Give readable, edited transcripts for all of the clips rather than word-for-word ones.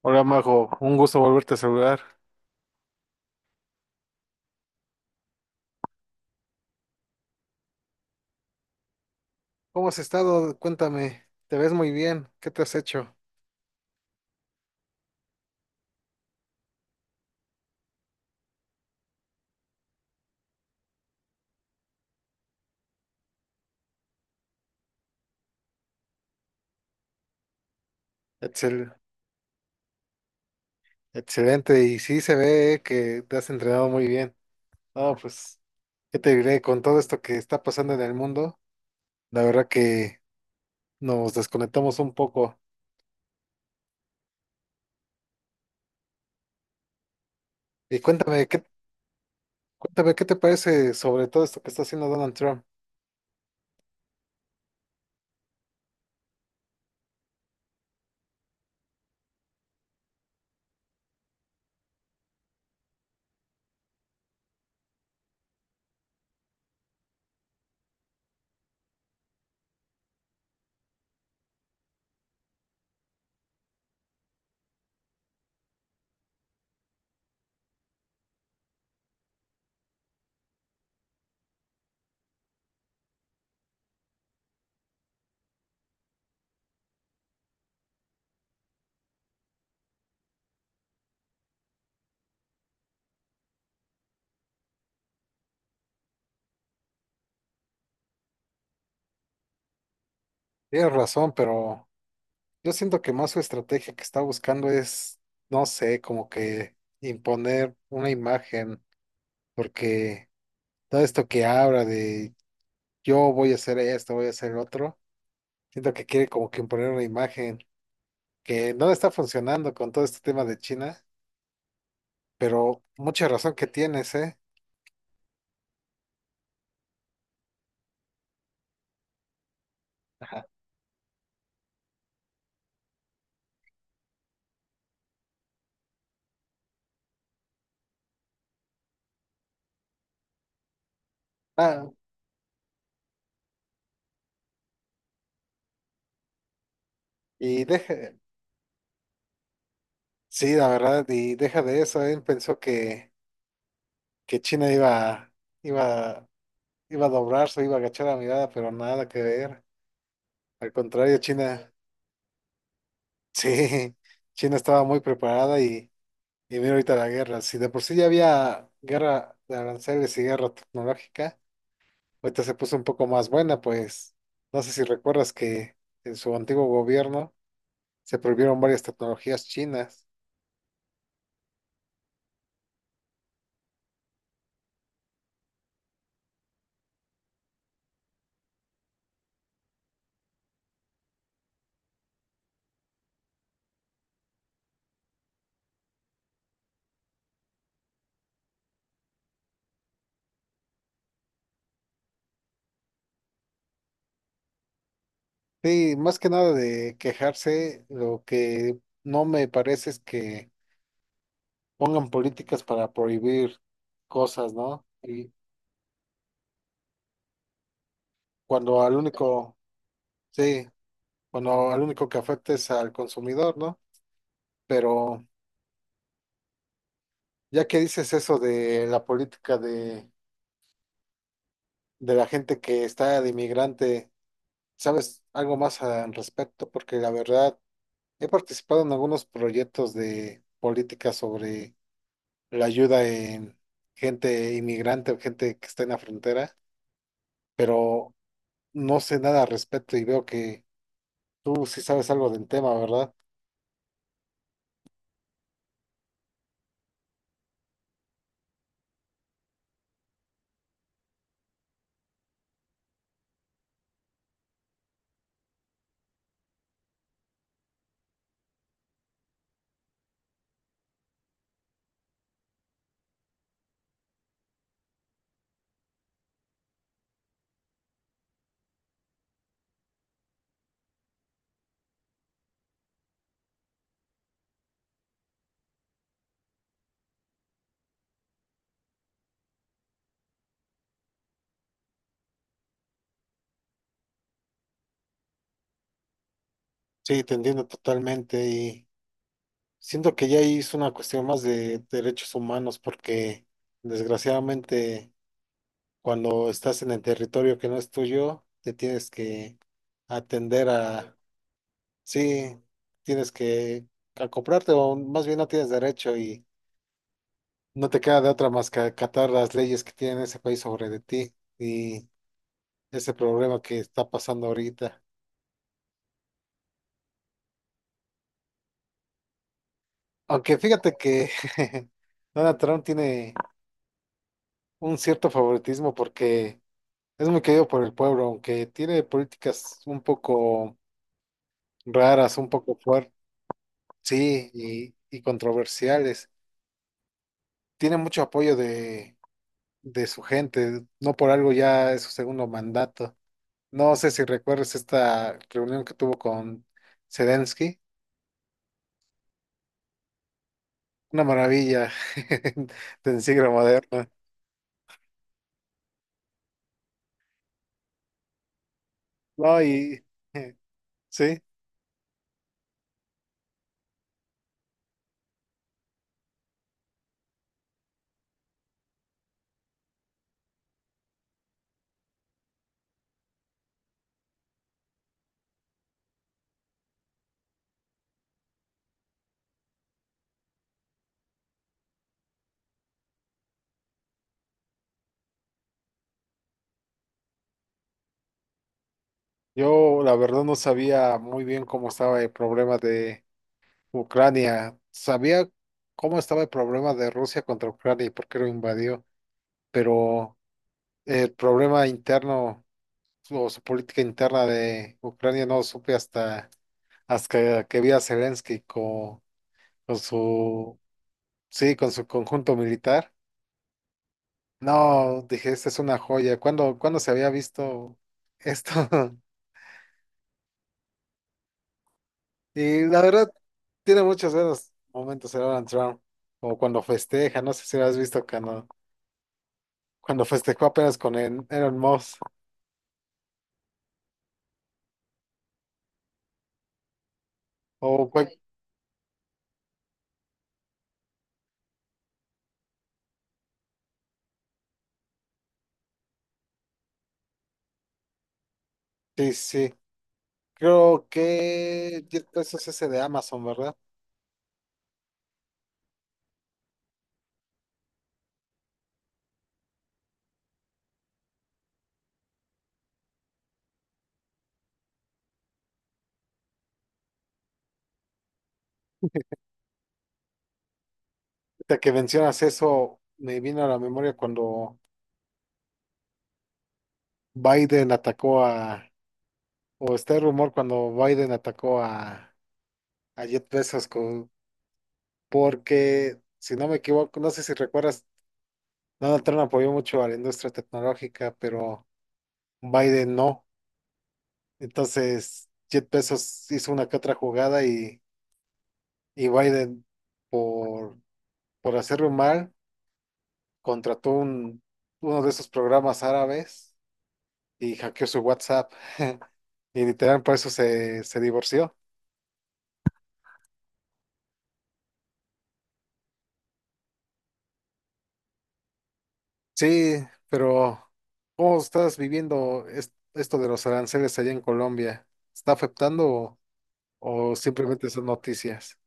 Hola Mago, un gusto volverte a saludar. ¿Cómo has estado? Cuéntame, te ves muy bien, ¿qué te has hecho? Excel, Excelente, y sí se ve que te has entrenado muy bien. No, pues, ¿qué te diré? Con todo esto que está pasando en el mundo, la verdad que nos desconectamos un poco. Y cuéntame, cuéntame, ¿qué te parece sobre todo esto que está haciendo Donald Trump? Tienes razón, pero yo siento que más su estrategia que está buscando es, no sé, como que imponer una imagen, porque todo esto que habla de yo voy a hacer esto, voy a hacer otro, siento que quiere como que imponer una imagen que no está funcionando con todo este tema de China, pero mucha razón que tienes, ¿eh? Ah, y deja, sí, la verdad, y deja de eso, él pensó que China iba, iba a doblarse, iba a agachar la mirada, pero nada que ver. Al contrario, China, sí, China estaba muy preparada. Y mira ahorita la guerra, si de por sí ya había guerra de aranceles y guerra tecnológica, ahorita se puso un poco más buena, pues no sé si recuerdas que en su antiguo gobierno se prohibieron varias tecnologías chinas. Sí, más que nada de quejarse, lo que no me parece es que pongan políticas para prohibir cosas, ¿no? Y cuando al único, sí, cuando al único que afecta es al consumidor, ¿no? Pero ya que dices eso de la política de la gente que está de inmigrante, ¿sabes algo más al respecto? Porque la verdad, he participado en algunos proyectos de política sobre la ayuda en gente inmigrante o gente que está en la frontera, pero no sé nada al respecto y veo que tú sí sabes algo del tema, ¿verdad? Sí, te entiendo totalmente y siento que ya ahí es una cuestión más de derechos humanos porque desgraciadamente, cuando estás en el territorio que no es tuyo, te tienes que atender a, sí, tienes que acoplarte o más bien no tienes derecho y no te queda de otra más que acatar las leyes que tiene ese país sobre de ti y ese problema que está pasando ahorita. Aunque fíjate que Donald Trump tiene un cierto favoritismo porque es muy querido por el pueblo, aunque tiene políticas un poco raras, un poco fuertes. Sí, y controversiales. Tiene mucho apoyo de su gente, no por algo ya es su segundo mandato. No sé si recuerdas esta reunión que tuvo con Zelensky, una maravilla del siglo moderno. No, y sí, yo la verdad no sabía muy bien cómo estaba el problema de Ucrania. Sabía cómo estaba el problema de Rusia contra Ucrania y por qué lo invadió, pero el problema interno su política interna de Ucrania no supe hasta que vi a Zelensky con su, sí, con su conjunto militar. No, dije, esta es una joya. ¿Cuándo se había visto esto? Y la verdad, tiene muchos buenos momentos el Donald Trump, o cuando festeja, no sé si lo has visto cuando festejó apenas con el Elon Musk, o fue- sí, sí. Creo que 10 pesos ese de Amazon, ¿verdad? Ahorita que mencionas eso, me vino a la memoria cuando Biden atacó a, o está el rumor cuando Biden atacó a Jeff Bezos, porque, si no me equivoco, no sé si recuerdas, Donald Trump apoyó mucho a la industria tecnológica, pero Biden no. Entonces, Jeff Bezos hizo una que otra jugada y Biden, por, por hacerlo mal, contrató un, uno de esos programas árabes y hackeó su WhatsApp. Y literal, por eso se divorció. Sí, pero ¿cómo estás viviendo esto de los aranceles allá en Colombia? ¿Está afectando o simplemente son noticias?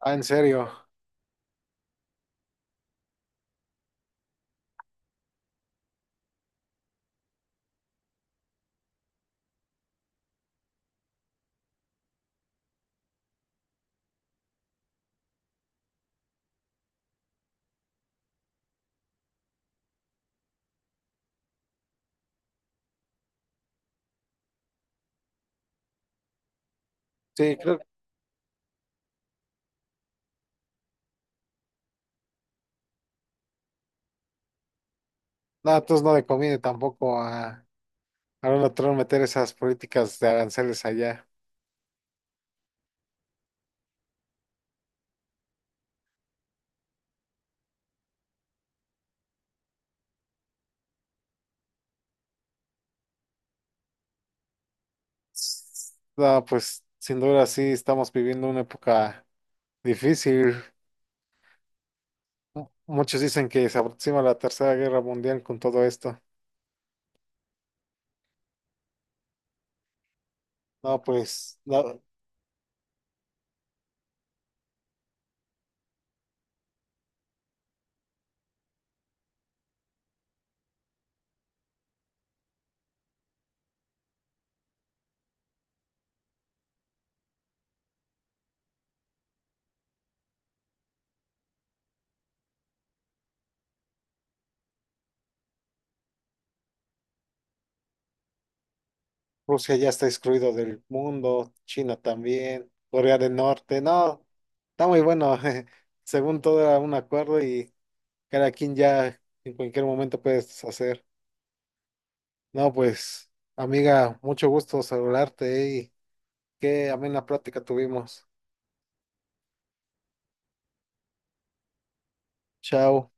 Ah, ¿en serio? Sí, creo nada, entonces no le conviene tampoco a, a Donald Trump meter esas políticas de aranceles allá. No, pues sin duda sí estamos viviendo una época difícil. Muchos dicen que se aproxima la Tercera Guerra Mundial con todo esto. No, pues la, Rusia ya está excluido del mundo, China también, Corea del Norte, no, está muy bueno, jeje. Según todo era un acuerdo y cada quien ya en cualquier momento puedes hacer. No, pues, amiga, mucho gusto saludarte y qué amena plática tuvimos. Chao.